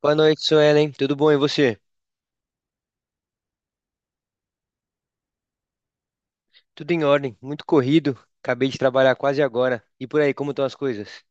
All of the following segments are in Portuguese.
Boa noite, Suelen. Tudo bom e você? Tudo em ordem, muito corrido. Acabei de trabalhar quase agora. E por aí, como estão as coisas?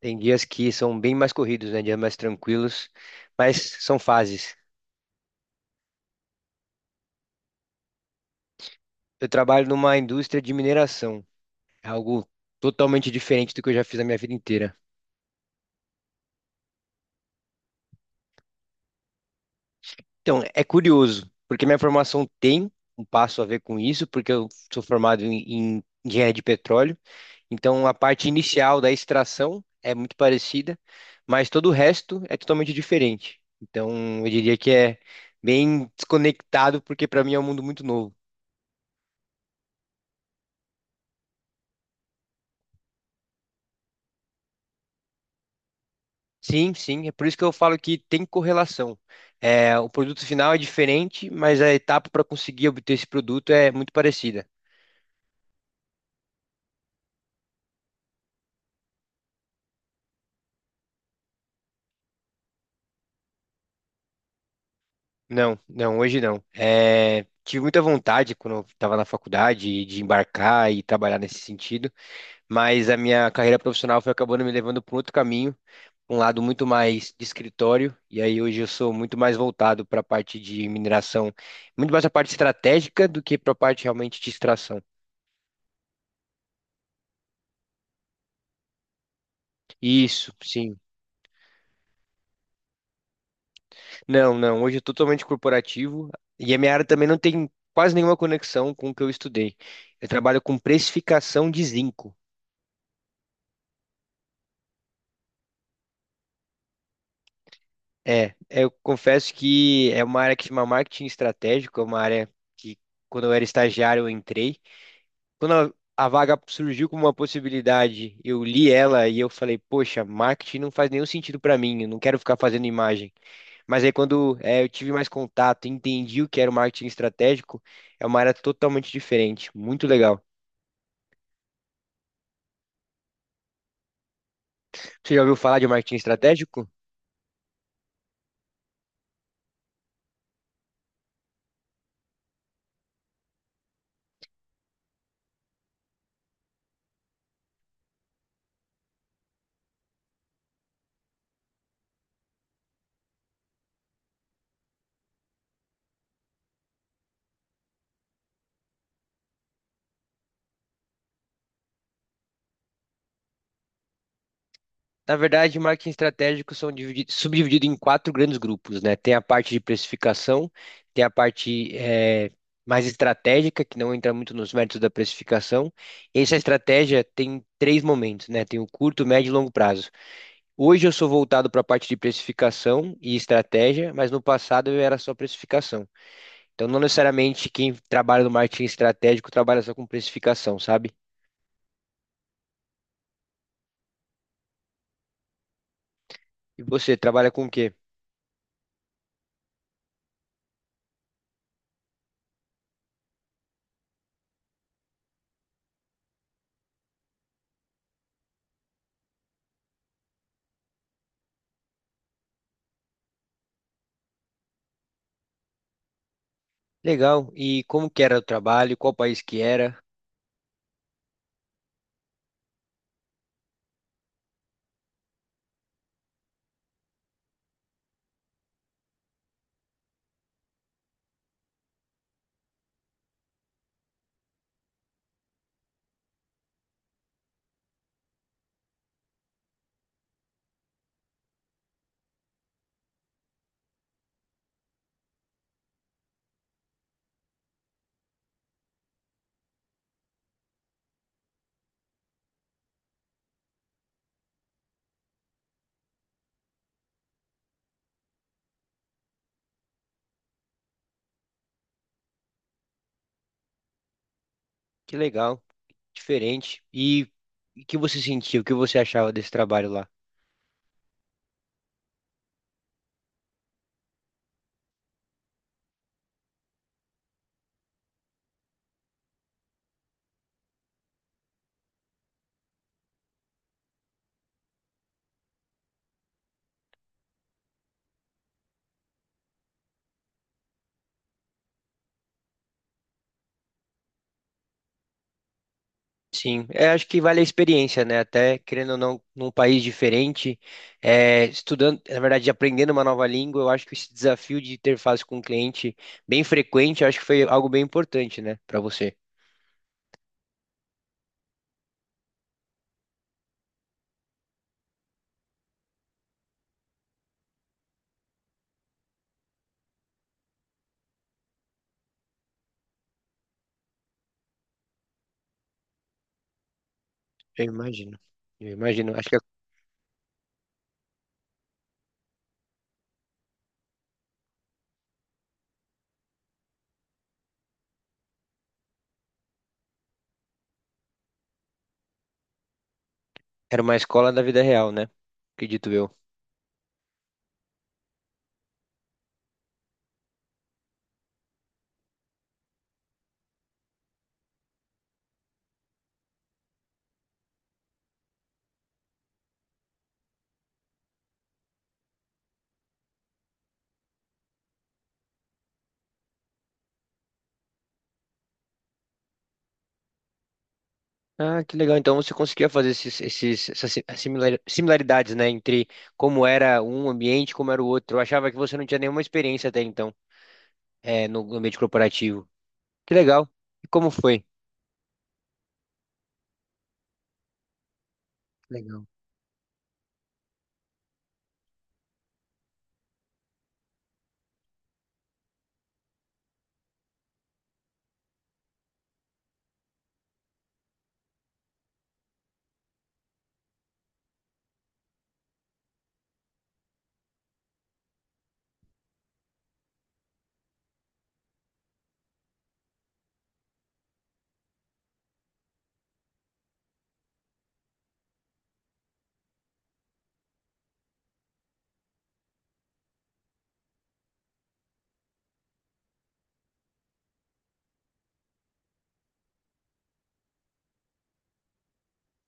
Tem dias que são bem mais corridos, né? Dias mais tranquilos, mas são fases. Eu trabalho numa indústria de mineração, é algo totalmente diferente do que eu já fiz a minha vida inteira. Então, é curioso, porque minha formação tem um passo a ver com isso, porque eu sou formado em engenharia de petróleo. Então a parte inicial da extração é muito parecida, mas todo o resto é totalmente diferente. Então eu diria que é bem desconectado, porque para mim é um mundo muito novo. Sim, sim, é por isso que eu falo que tem correlação. É, o produto final é diferente, mas a etapa para conseguir obter esse produto é muito parecida. Não, não, hoje não. É, tive muita vontade quando eu estava na faculdade de embarcar e trabalhar nesse sentido, mas a minha carreira profissional foi acabando me levando para outro caminho, um lado muito mais de escritório, e aí hoje eu sou muito mais voltado para a parte de mineração, muito mais a parte estratégica do que para a parte realmente de extração. Isso, sim. Não, não, hoje eu tô totalmente corporativo, e a minha área também não tem quase nenhuma conexão com o que eu estudei. Eu trabalho com precificação de zinco. É, eu confesso que é uma área que chama marketing estratégico, é uma área que quando eu era estagiário eu entrei, quando a vaga surgiu como uma possibilidade, eu li ela e eu falei, poxa, marketing não faz nenhum sentido para mim, eu não quero ficar fazendo imagem. Mas aí eu tive mais contato, entendi o que era o marketing estratégico, é uma área totalmente diferente, muito legal. Você já ouviu falar de marketing estratégico? Na verdade, marketing estratégico são subdividido em 4 grandes grupos, né? Tem a parte de precificação, tem a parte mais estratégica, que não entra muito nos méritos da precificação. Essa estratégia tem 3 momentos, né? Tem o curto, médio e longo prazo. Hoje eu sou voltado para a parte de precificação e estratégia, mas no passado eu era só precificação. Então, não necessariamente quem trabalha no marketing estratégico trabalha só com precificação, sabe? E você trabalha com o quê? Legal. E como que era o trabalho? Qual país que era? Que legal, diferente. E o que você sentiu? O que você achava desse trabalho lá? Sim, é, acho que vale a experiência, né? Até querendo ou não, num país diferente, é, estudando, na verdade, aprendendo uma nova língua, eu acho que esse desafio de interface com o cliente bem frequente, eu acho que foi algo bem importante, né, para você. Eu imagino, eu imagino. Acho que era uma escola da vida real, né? Acredito eu. Ah, que legal. Então você conseguia fazer essas similaridades, né, entre como era um ambiente e como era o outro. Eu achava que você não tinha nenhuma experiência até então, é, no ambiente corporativo. Que legal. E como foi? Que legal.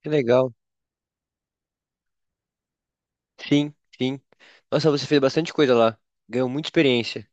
Que legal. Sim, sim. Nossa, você fez bastante coisa lá. Ganhou muita experiência.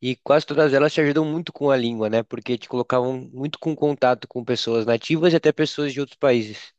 E quase todas elas te ajudam muito com a língua, né? Porque te colocavam muito com contato com pessoas nativas e até pessoas de outros países.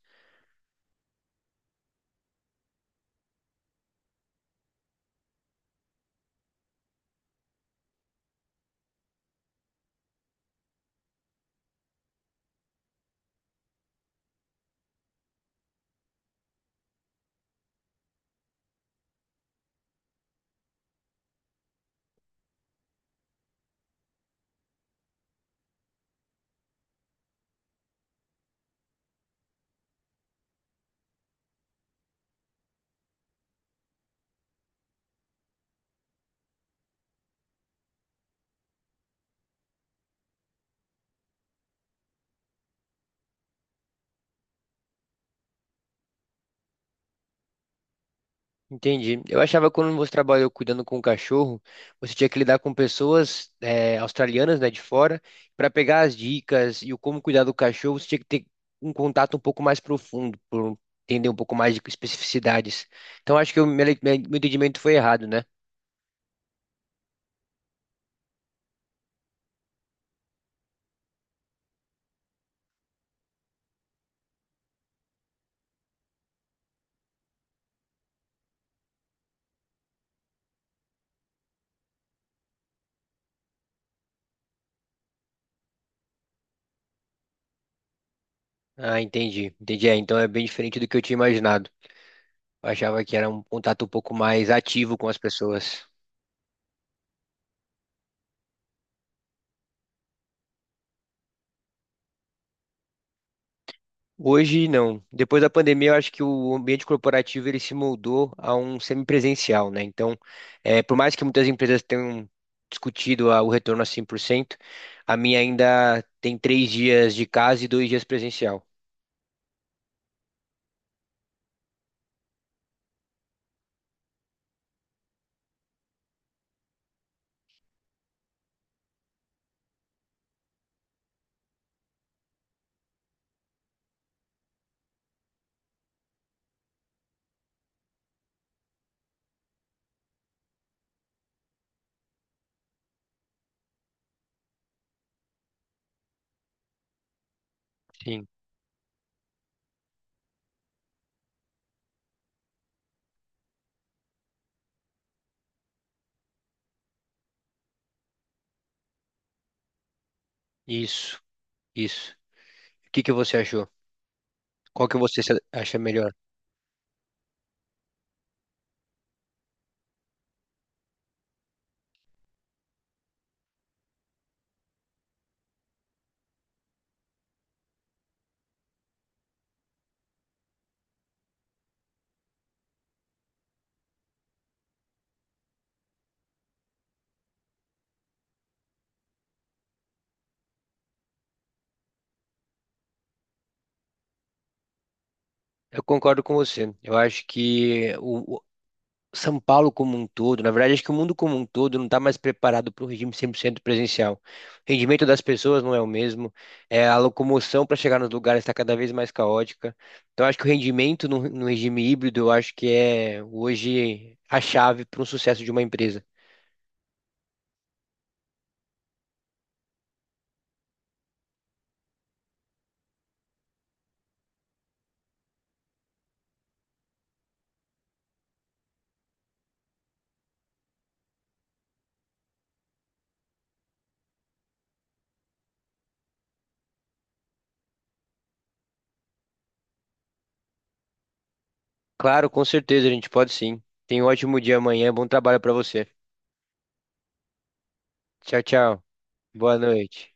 Entendi. Eu achava que quando você trabalhou cuidando com o cachorro, você tinha que lidar com pessoas australianas, né, de fora, para pegar as dicas e o como cuidar do cachorro, você tinha que ter um contato um pouco mais profundo, por entender um pouco mais de especificidades. Então acho que o meu entendimento foi errado, né? Ah, entendi. Entendi. É, então é bem diferente do que eu tinha imaginado. Eu achava que era um contato um pouco mais ativo com as pessoas. Hoje não. Depois da pandemia, eu acho que o ambiente corporativo ele se moldou a um semipresencial, né? Então, por mais que muitas empresas tenham discutido o retorno a 100%, a minha ainda tem 3 dias de casa e 2 dias presencial. Sim, isso, isso. O que que você achou? Qual que você acha melhor? Eu concordo com você. Eu acho que São Paulo como um todo, na verdade, acho que o mundo como um todo não está mais preparado para um regime 100% presencial. O rendimento das pessoas não é o mesmo, é, a locomoção para chegar nos lugares está cada vez mais caótica. Então, acho que o rendimento no regime híbrido, eu acho que é hoje a chave para um sucesso de uma empresa. Claro, com certeza, a gente pode sim. Tenha um ótimo dia amanhã, bom trabalho para você. Tchau, tchau. Boa noite.